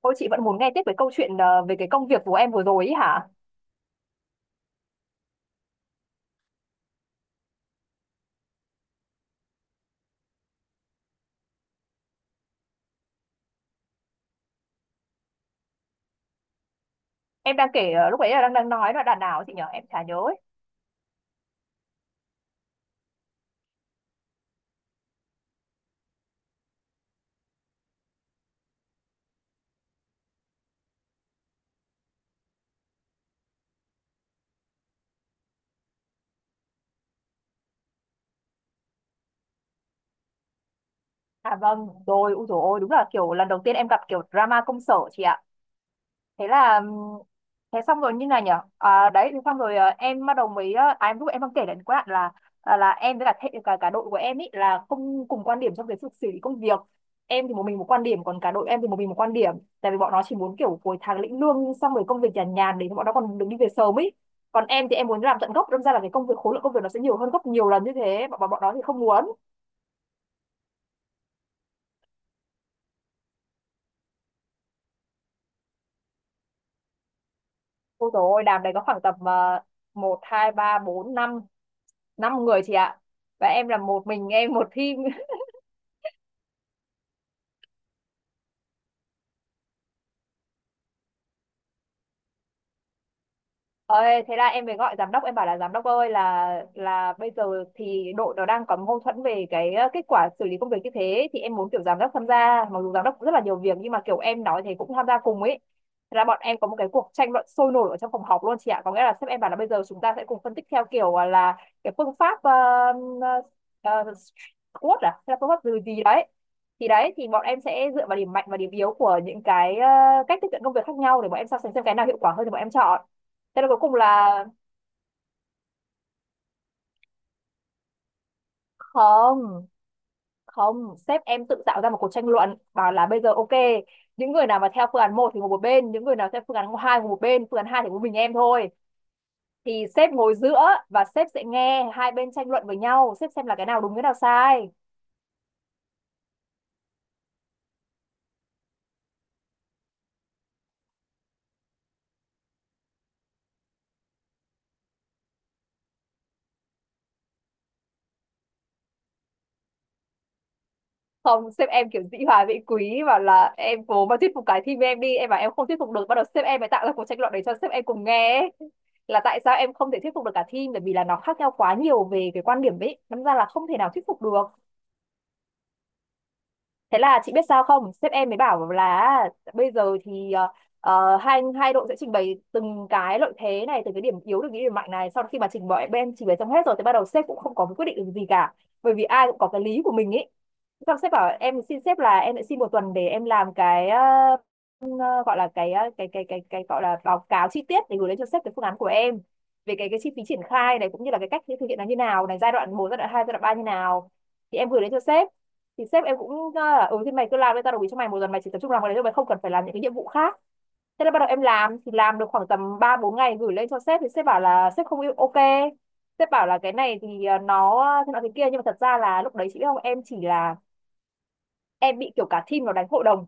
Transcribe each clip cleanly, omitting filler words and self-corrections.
Ôi chị vẫn muốn nghe tiếp về câu chuyện về cái công việc của em vừa rồi ý hả? Em đang kể lúc ấy là đang đang nói là đàn nào ấy chị nhở? Em chả nhớ ấy. À vâng, rồi, ui dồi ôi, đúng là kiểu lần đầu tiên em gặp kiểu drama công sở chị ạ. Thế là thế xong rồi như này nhở à, đấy thế xong rồi em bắt đầu mới em lúc em đang kể đến cái đoạn là là em với cả thệ, cả cả đội của em ý là không cùng quan điểm trong cái sự xử lý công việc. Em thì một mình một quan điểm, còn cả đội em thì một mình một quan điểm. Tại vì bọn nó chỉ muốn kiểu cuối tháng lĩnh lương xong rồi công việc nhàn nhàn để bọn nó còn được đi về sớm ý, còn em thì em muốn làm tận gốc, đâm ra là cái công việc khối lượng công việc nó sẽ nhiều hơn gấp nhiều lần như thế, bọn bọn bọn nó thì không muốn. Ôi dồi ôi, đàm đấy có khoảng tầm một hai ba bốn năm năm người chị ạ, và em là một mình em một team. Ơi, thế là em mới gọi giám đốc, em bảo là giám đốc ơi, là bây giờ thì đội nó đang có mâu thuẫn về cái kết quả xử lý công việc như thế, thì em muốn kiểu giám đốc tham gia, mặc dù giám đốc rất là nhiều việc nhưng mà kiểu em nói thì cũng tham gia cùng ấy. Thế là bọn em có một cái cuộc tranh luận sôi nổi ở trong phòng họp luôn chị ạ, có nghĩa là sếp em bảo là bây giờ chúng ta sẽ cùng phân tích theo kiểu là cái phương pháp ờ, ờ, SWOT à hay là phương pháp gì gì đấy. Thì đấy, thì bọn em sẽ dựa vào điểm mạnh và điểm yếu của những cái cách tiếp cận công việc khác nhau để bọn em so sánh xem cái nào hiệu quả hơn thì bọn em chọn. Thế là cuối cùng là không, không, sếp em tự tạo ra một cuộc tranh luận bảo là bây giờ ok, những người nào mà theo phương án một thì ngồi một bên, những người nào theo phương án 2 ngồi một bên, phương án 2 thì có mình em thôi. Thì sếp ngồi giữa và sếp sẽ nghe hai bên tranh luận với nhau, sếp xem là cái nào đúng cái nào sai. Không, sếp em kiểu dĩ hòa vi quý bảo là em cố mà thuyết phục cái team em đi, em bảo em không thuyết phục được, bắt đầu sếp em mới tạo ra cuộc tranh luận để cho sếp em cùng nghe ấy. Là tại sao em không thể thuyết phục được cả team, bởi vì là nó khác nhau quá nhiều về cái quan điểm ấy, đâm ra là không thể nào thuyết phục được. Thế là chị biết sao không? Sếp em mới bảo là bây giờ thì hai hai đội sẽ trình bày từng cái lợi thế này, từng cái điểm yếu, từng cái điểm mạnh này. Sau khi mà trình bày bên trình bày xong hết rồi thì bắt đầu sếp cũng không có quyết định được gì cả. Bởi vì ai cũng có cái lý của mình ý. Xong sếp bảo, em xin sếp là em lại xin một tuần để em làm cái ờ, gọi là cái cái gọi là báo cáo chi tiết để gửi lên cho sếp cái phương án của em, về cái chi phí triển khai này cũng như là cái cách thực hiện nó như nào này, giai đoạn một giai đoạn 2 giai đoạn 3 như nào. Thì em gửi đến cho sếp, thì sếp em cũng nói là ừ thì mày cứ làm đi, tao đồng ý cho mày một tuần, mày chỉ tập trung làm cái đấy thôi, mày không cần phải làm những cái nhiệm vụ khác. Thế là bắt đầu em làm thì làm được khoảng tầm ba bốn ngày, gửi lên cho sếp thì sếp bảo là sếp không yêu ok. Sếp bảo là cái này thì nó thế nào thế kia, nhưng mà thật ra là lúc đấy chị biết không, em chỉ là em bị kiểu cả team nó đánh hội đồng.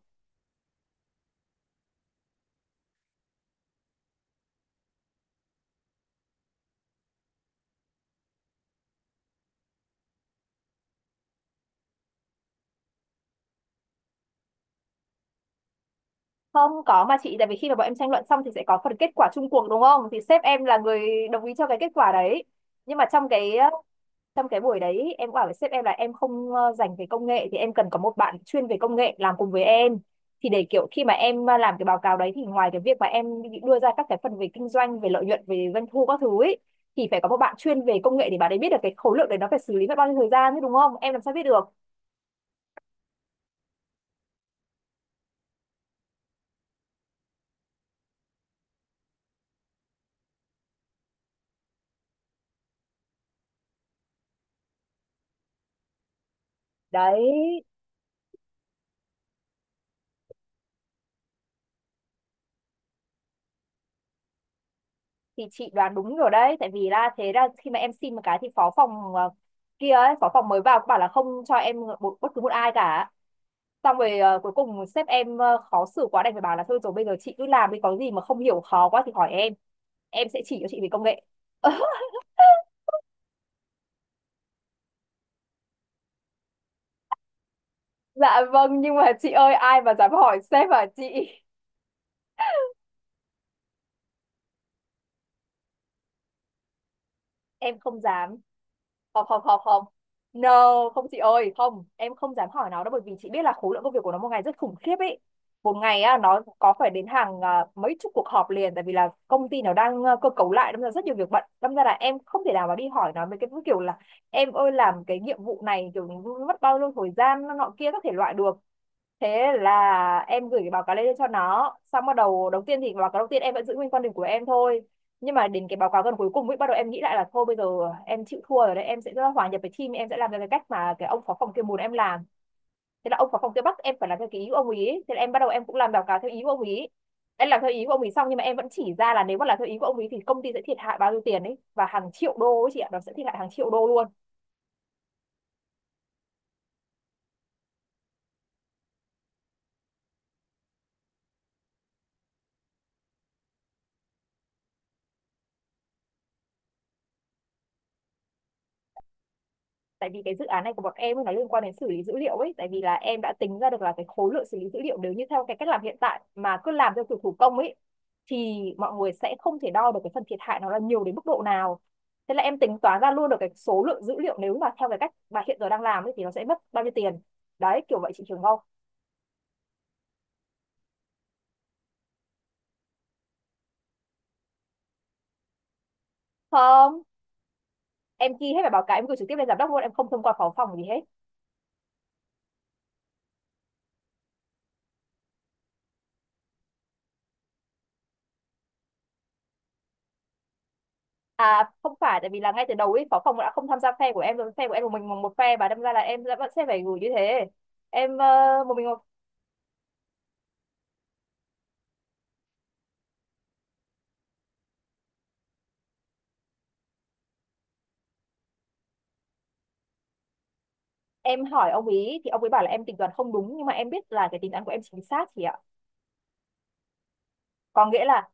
Không có mà chị, tại vì khi mà bọn em tranh luận xong thì sẽ có phần kết quả chung cuộc đúng không, thì sếp em là người đồng ý cho cái kết quả đấy, nhưng mà trong cái buổi đấy em cũng bảo với sếp em là em không dành về công nghệ, thì em cần có một bạn chuyên về công nghệ làm cùng với em. Thì để kiểu khi mà em làm cái báo cáo đấy thì ngoài cái việc mà em đưa ra các cái phần về kinh doanh về lợi nhuận về doanh thu các thứ ấy, thì phải có một bạn chuyên về công nghệ để bạn ấy biết được cái khối lượng đấy nó phải xử lý mất bao nhiêu thời gian chứ đúng không, em làm sao biết được. Đấy thì chị đoán đúng rồi đấy, tại vì là thế là khi mà em xin một cái thì phó phòng kia ấy, phó phòng mới vào cũng bảo là không cho em một bất cứ một ai cả. Xong rồi cuối cùng sếp em khó xử quá đành phải bảo là thôi rồi bây giờ chị cứ làm đi, có gì mà không hiểu khó quá thì hỏi em sẽ chỉ cho chị về công nghệ. Dạ vâng, nhưng mà chị ơi ai mà dám hỏi sếp à chị? Em không dám. Không, không, không, không, no, không chị ơi, không em không dám hỏi nó đâu, bởi vì chị biết là khối lượng công việc của nó một ngày rất khủng khiếp ấy. Một ngày á nó có phải đến hàng mấy chục cuộc họp liền, tại vì là công ty nó đang cơ cấu lại, đâm ra rất nhiều việc bận, đâm ra là em không thể nào mà đi hỏi nó mấy cái kiểu là em ơi làm cái nhiệm vụ này kiểu mất bao nhiêu thời gian nọ kia các thể loại được. Thế là em gửi cái báo cáo lên cho nó xong, bắt đầu đầu tiên thì báo cáo đầu tiên em vẫn giữ nguyên quan điểm của em thôi. Nhưng mà đến cái báo cáo gần cuối cùng ấy, bắt đầu em nghĩ lại là thôi bây giờ em chịu thua rồi đấy, em sẽ rất là hòa nhập với team, em sẽ làm theo cái cách mà cái ông phó phòng kia muốn em làm. Thế là ông phó phòng kia bắt em phải làm theo cái ý của ông ý, thế là em bắt đầu em cũng làm báo cáo theo ý của ông ý. Em làm theo ý của ông ý xong, nhưng mà em vẫn chỉ ra là nếu mà làm theo ý của ông ý thì công ty sẽ thiệt hại bao nhiêu tiền ấy, và hàng triệu đô ấy chị ạ, nó sẽ thiệt hại hàng triệu đô luôn. Tại vì cái dự án này của bọn em ấy, nó liên quan đến xử lý dữ liệu ấy, tại vì là em đã tính ra được là cái khối lượng xử lý dữ liệu nếu như theo cái cách làm hiện tại mà cứ làm theo kiểu thủ công ấy thì mọi người sẽ không thể đo được cái phần thiệt hại nó là nhiều đến mức độ nào. Thế là em tính toán ra luôn được cái số lượng dữ liệu nếu mà theo cái cách mà hiện giờ đang làm ấy thì nó sẽ mất bao nhiêu tiền. Đấy kiểu vậy chị Trường không? Không, em ghi hết bài báo cáo em gửi trực tiếp lên giám đốc luôn, em không thông qua phó phòng gì hết. À không phải, tại vì là ngay từ đầu ấy phó phòng đã không tham gia phe của em rồi, phe của em một mình một một phe, và đâm ra là em đã vẫn sẽ phải gửi như thế. Em một mình một. Em hỏi ông ý thì ông ấy bảo là em tính toán không đúng, nhưng mà em biết là cái tính toán của em chính xác chị ạ. có nghĩa là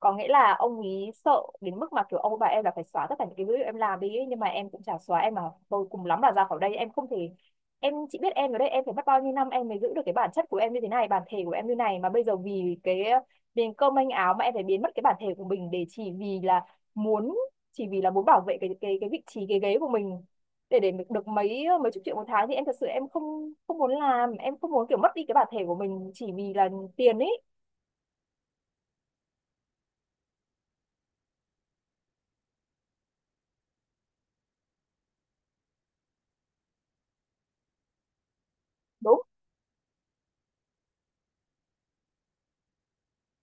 có nghĩa là ông ấy sợ đến mức mà kiểu ông bà em là phải xóa tất cả những cái dữ em làm đi ấy. Nhưng mà em cũng chả xóa. Em mà tôi cùng lắm là ra khỏi đây, em không thể. Em chỉ biết em ở đây em phải mất bao nhiêu năm em mới giữ được cái bản chất của em như thế này, bản thể của em như này, mà bây giờ vì cái miếng cơm manh áo mà em phải biến mất cái bản thể của mình để chỉ vì là muốn, chỉ vì là muốn bảo vệ cái cái vị trí, cái ghế của mình, để được mấy mấy chục triệu một tháng, thì em thật sự em không không muốn làm, em không muốn kiểu mất đi cái bản thể của mình chỉ vì là tiền ấy. Đúng.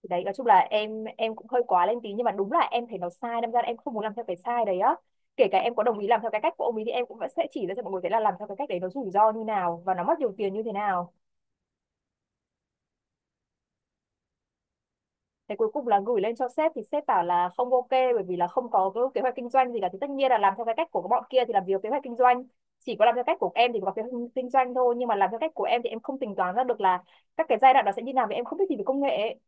Thì đấy, nói chung là em cũng hơi quá lên tí, nhưng mà đúng là em thấy nó sai, đâm ra là em không muốn làm theo cái sai đấy á. Kể cả em có đồng ý làm theo cái cách của ông ấy thì em cũng vẫn sẽ chỉ ra cho mọi người thấy là làm theo cái cách đấy nó rủi ro như nào và nó mất nhiều tiền như thế nào. Thế cuối cùng là gửi lên cho sếp thì sếp bảo là không ok, bởi vì là không có cái kế hoạch kinh doanh gì cả. Thì tất nhiên là làm theo cái cách của bọn kia thì làm gì có kế hoạch kinh doanh, chỉ có làm theo cách của em thì có kế hoạch kinh doanh thôi. Nhưng mà làm theo cách của em thì em không tính toán ra được là các cái giai đoạn đó sẽ như nào, vì em không biết gì về công nghệ ấy.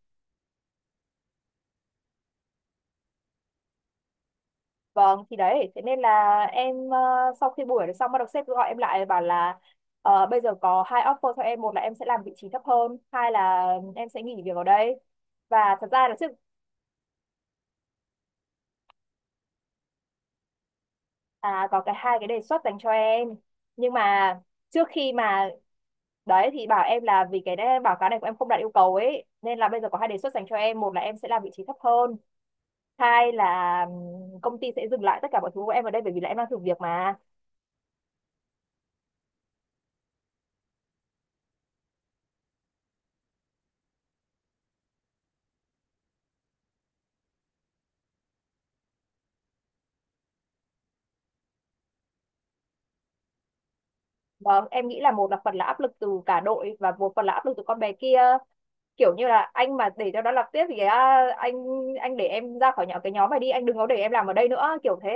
Vâng, thì đấy, thế nên là em sau khi buổi đấy xong bắt đầu sếp gọi em lại bảo là bây giờ có hai offer cho em, một là em sẽ làm vị trí thấp hơn, hai là em sẽ nghỉ việc ở đây. Và thật ra là trước, có cái hai cái đề xuất dành cho em. Nhưng mà trước khi mà đấy thì bảo em là vì cái đấy, báo cáo này của em không đạt yêu cầu ấy, nên là bây giờ có hai đề xuất dành cho em, một là em sẽ làm vị trí thấp hơn, hai là công ty sẽ dừng lại tất cả mọi thứ của em ở đây bởi vì là em đang thử việc mà. Vâng, em nghĩ là một là phần là áp lực từ cả đội và một phần là áp lực từ con bé kia, kiểu như là anh mà để cho nó làm tiếp thì cái, anh để em ra khỏi nhỏ cái nhóm này đi, anh đừng có để em làm ở đây nữa, kiểu thế.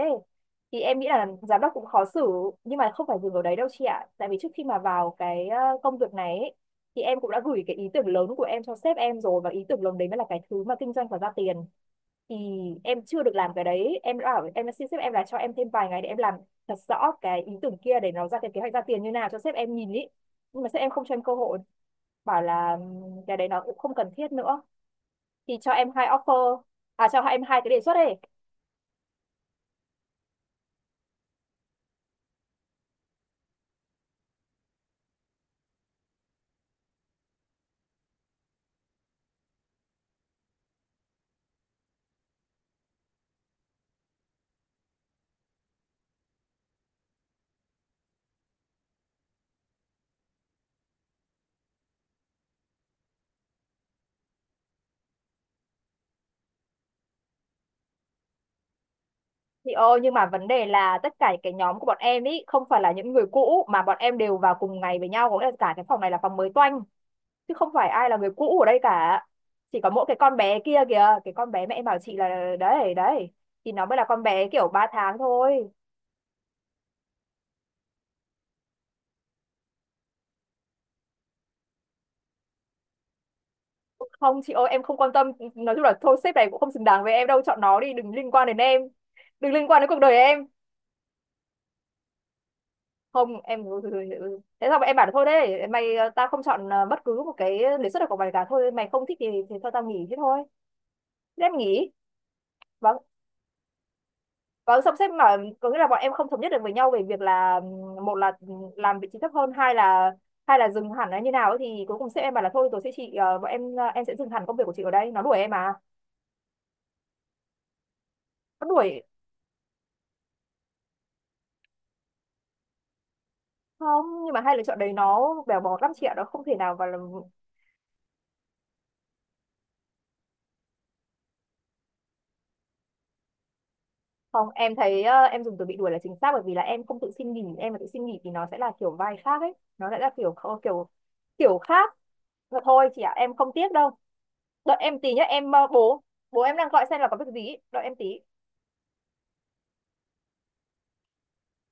Thì em nghĩ là giám đốc cũng khó xử. Nhưng mà không phải dừng ở đấy đâu chị ạ, tại vì trước khi mà vào cái công việc này ấy, thì em cũng đã gửi cái ý tưởng lớn của em cho sếp em rồi, và ý tưởng lớn đấy mới là cái thứ mà kinh doanh và ra tiền. Thì em chưa được làm cái đấy, em đã bảo em đã xin sếp em là cho em thêm vài ngày để em làm thật rõ cái ý tưởng kia để nó ra cái kế hoạch ra tiền như nào cho sếp em nhìn ý, nhưng mà sếp em không cho em cơ hội, bảo là cái đấy nó cũng không cần thiết nữa, thì cho em hai offer." À, cho em hai cái đề xuất ấy. Thì ô, nhưng mà vấn đề là tất cả cái nhóm của bọn em ý không phải là những người cũ, mà bọn em đều vào cùng ngày với nhau, có nghĩa là cả cái phòng này là phòng mới toanh, chứ không phải ai là người cũ ở đây cả. Chỉ có mỗi cái con bé kia kìa, cái con bé mẹ em bảo chị là đấy đấy, thì nó mới là con bé kiểu 3 tháng thôi. Không chị ơi, em không quan tâm. Nói chung là thôi, sếp này cũng không xứng đáng với em đâu, chọn nó đi, đừng liên quan đến em, đừng liên quan đến cuộc đời em. Không, em ừ, ừ, ừ, ừ. Thế sao em bảo là thôi đấy mày, tao không chọn bất cứ một cái đề xuất nào của mày cả, thôi mày không thích thì thôi tao nghỉ, thế thôi. Thế em nghỉ. và và xong xếp mà có nghĩa là bọn em không thống nhất được với nhau về việc là một là làm vị trí thấp hơn, hai là, hai là dừng hẳn là như nào ấy, thì cuối cùng sếp em bảo là thôi tôi sẽ chị bọn em em sẽ dừng hẳn công việc của chị ở đây. Nó đuổi em à? Nó đuổi. Không nhưng mà hai lựa chọn đấy nó bèo bọt lắm chị ạ, nó không thể nào và. Không, em thấy em dùng từ bị đuổi là chính xác, bởi vì là em không tự xin nghỉ, em mà tự xin nghỉ thì nó sẽ là kiểu vai khác ấy, nó sẽ là kiểu, kiểu, kiểu khác. Mà thôi chị ạ, em không tiếc đâu. Đợi em tí nhá, em bố bố em đang gọi xem là có việc gì, ý. Đợi em tí.